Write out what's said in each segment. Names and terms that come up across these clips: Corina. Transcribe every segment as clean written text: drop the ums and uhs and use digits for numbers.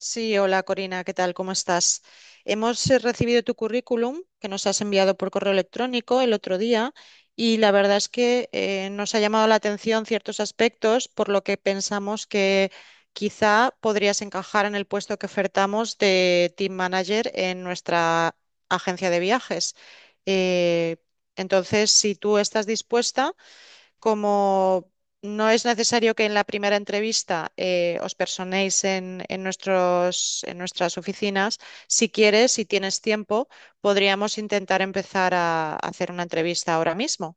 Sí, hola Corina, ¿qué tal? ¿Cómo estás? Hemos recibido tu currículum que nos has enviado por correo electrónico el otro día y la verdad es que nos ha llamado la atención ciertos aspectos por lo que pensamos que quizá podrías encajar en el puesto que ofertamos de Team Manager en nuestra agencia de viajes. Eh, entonces, si tú estás dispuesta... Como no es necesario que en la primera entrevista os personéis en nuestras oficinas, si quieres, si tienes tiempo, podríamos intentar empezar a hacer una entrevista ahora mismo.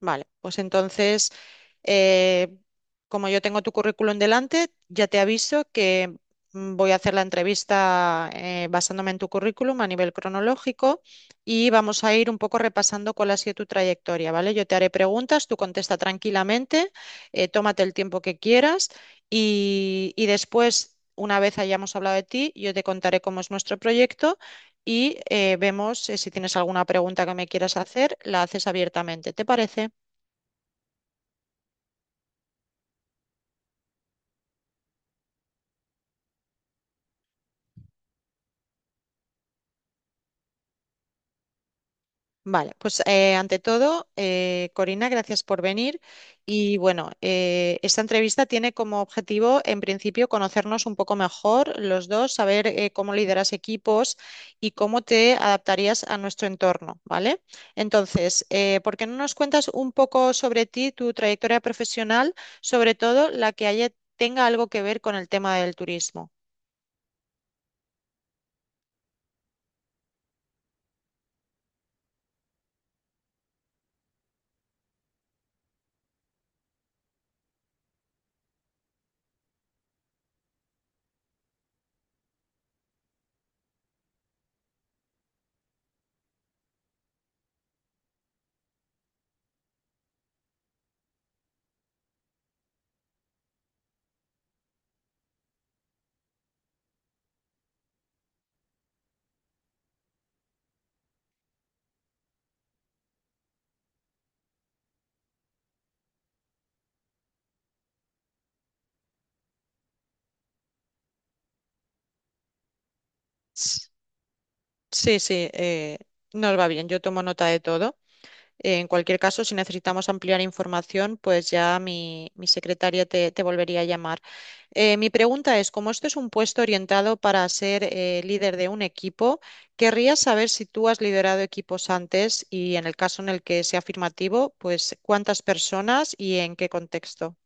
Vale, pues entonces, eh, como yo tengo tu currículum delante, ya te aviso que voy a hacer la entrevista basándome en tu currículum a nivel cronológico y vamos a ir un poco repasando cuál ha sido tu trayectoria, ¿vale? Yo te haré preguntas, tú contesta tranquilamente, tómate el tiempo que quieras y después, una vez hayamos hablado de ti, yo te contaré cómo es nuestro proyecto. Y vemos si tienes alguna pregunta que me quieras hacer, la haces abiertamente. ¿Te parece? Vale, pues ante todo, Corina, gracias por venir. Y bueno, esta entrevista tiene como objetivo, en principio, conocernos un poco mejor los dos, saber cómo lideras equipos y cómo te adaptarías a nuestro entorno, ¿vale? Entonces, ¿por qué no nos cuentas un poco sobre ti, tu trayectoria profesional, sobre todo la que haya, tenga algo que ver con el tema del turismo? S- Sí, sí, nos va bien, yo tomo nota de todo. En cualquier caso, si necesitamos ampliar información, pues ya mi secretaria te volvería a llamar. Mi pregunta es, como esto es un puesto orientado para ser líder de un equipo, querría saber si tú has liderado equipos antes y en el caso en el que sea afirmativo, pues cuántas personas y en qué contexto.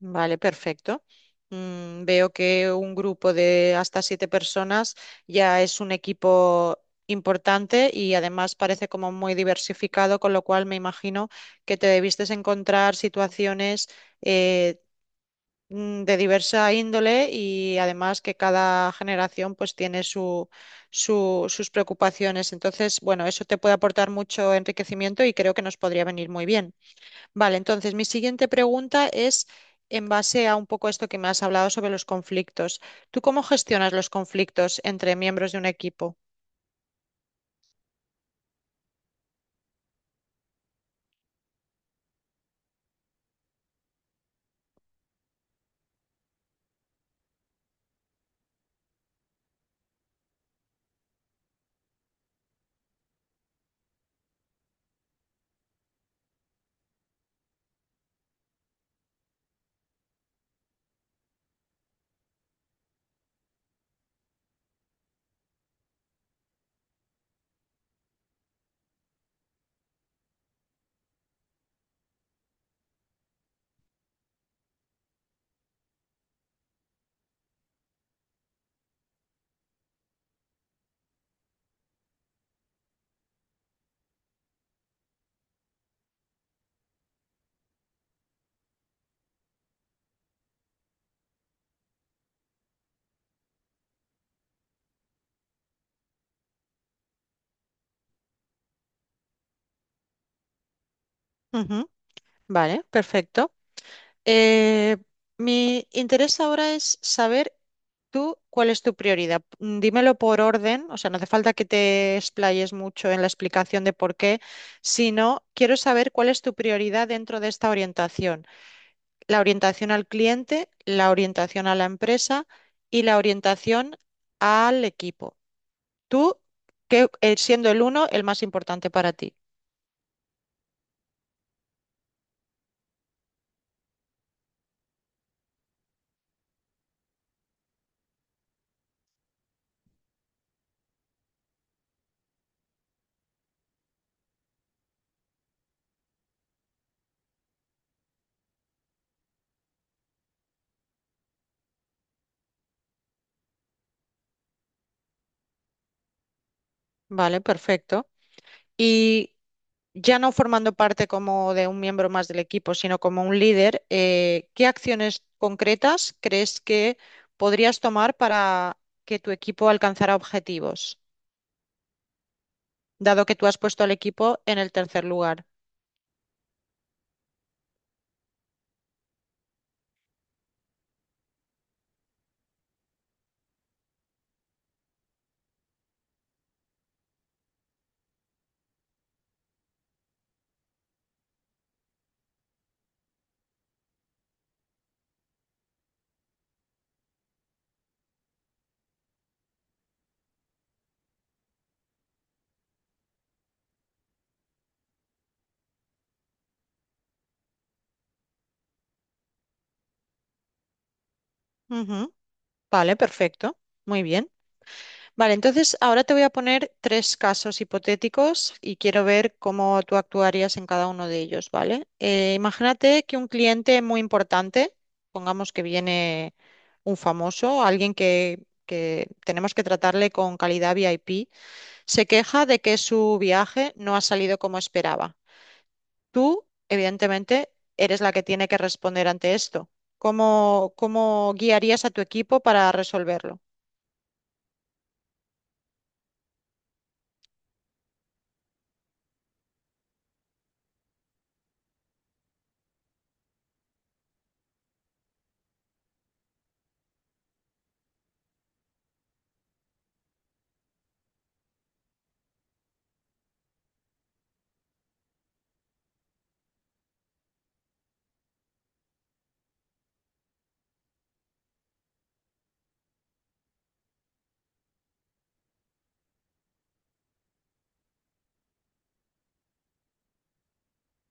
Vale, perfecto. Veo que un grupo de hasta siete personas ya es un equipo importante y además parece como muy diversificado, con lo cual me imagino que te debiste encontrar situaciones eh, de diversa índole y además que cada generación pues tiene su, sus preocupaciones. Entonces, bueno, eso te puede aportar mucho enriquecimiento y creo que nos podría venir muy bien. Vale, entonces mi siguiente pregunta es en base a un poco esto que me has hablado sobre los conflictos. ¿Tú cómo gestionas los conflictos entre miembros de un equipo? Ujú, vale, perfecto. Eh, mi interés ahora es saber tú cuál es tu prioridad. Dímelo por orden, o sea, no hace falta que te explayes mucho en la explicación de por qué, sino quiero saber cuál es tu prioridad dentro de esta orientación. La orientación al cliente, la orientación a la empresa y la orientación al equipo. Tú, que siendo el uno, el más importante para ti. Vale, perfecto. Y ya no formando parte como de un miembro más del equipo, sino como un líder, ¿qué acciones concretas crees que podrías tomar para que tu equipo alcanzara objetivos, dado que tú has puesto al equipo en el tercer lugar? Ujú, vale, perfecto. Muy bien. Vale, entonces ahora te voy a poner tres casos hipotéticos y quiero ver cómo tú actuarías en cada uno de ellos, ¿vale? Imagínate que un cliente muy importante, pongamos que viene un famoso, alguien que tenemos que tratarle con calidad VIP, se queja de que su viaje no ha salido como esperaba. Tú, evidentemente, eres la que tiene que responder ante esto. ¿Cómo, cómo guiarías a tu equipo para resolverlo?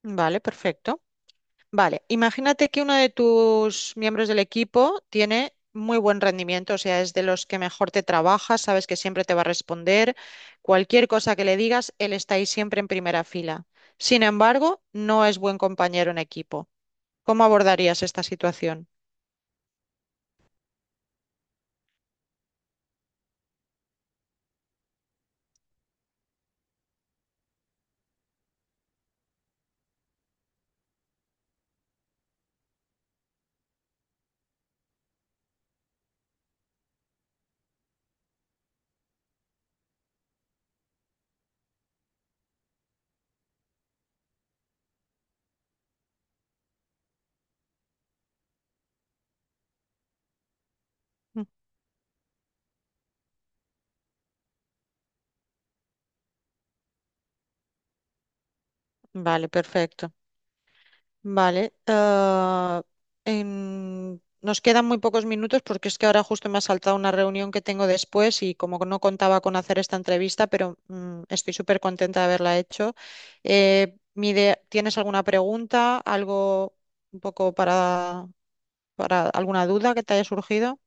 Vale, perfecto. Vale, imagínate que uno de tus miembros del equipo tiene muy buen rendimiento, o sea, es de los que mejor te trabaja, sabes que siempre te va a responder, cualquier cosa que le digas, él está ahí siempre en primera fila. Sin embargo, no es buen compañero en equipo. ¿Cómo abordarías esta situación? Mm, vale, perfecto. Vale. Nos quedan muy pocos minutos porque es que ahora justo me ha saltado una reunión que tengo después y como no contaba con hacer esta entrevista, pero estoy súper contenta de haberla hecho. ¿Tienes alguna pregunta, algo un poco para alguna duda que te haya surgido?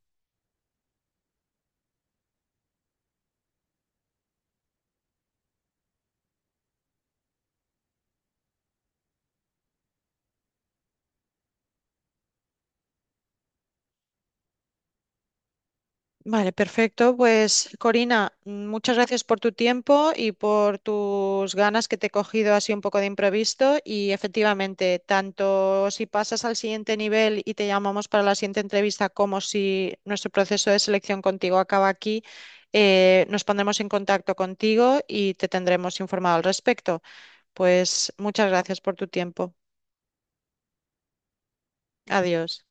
Vale, perfecto. Pues Corina, muchas gracias por tu tiempo y por tus ganas que te he cogido así un poco de imprevisto. Y efectivamente, tanto si pasas al siguiente nivel y te llamamos para la siguiente entrevista, como si nuestro proceso de selección contigo acaba aquí, nos pondremos en contacto contigo y te tendremos informado al respecto. Pues muchas gracias por tu tiempo. Adiós.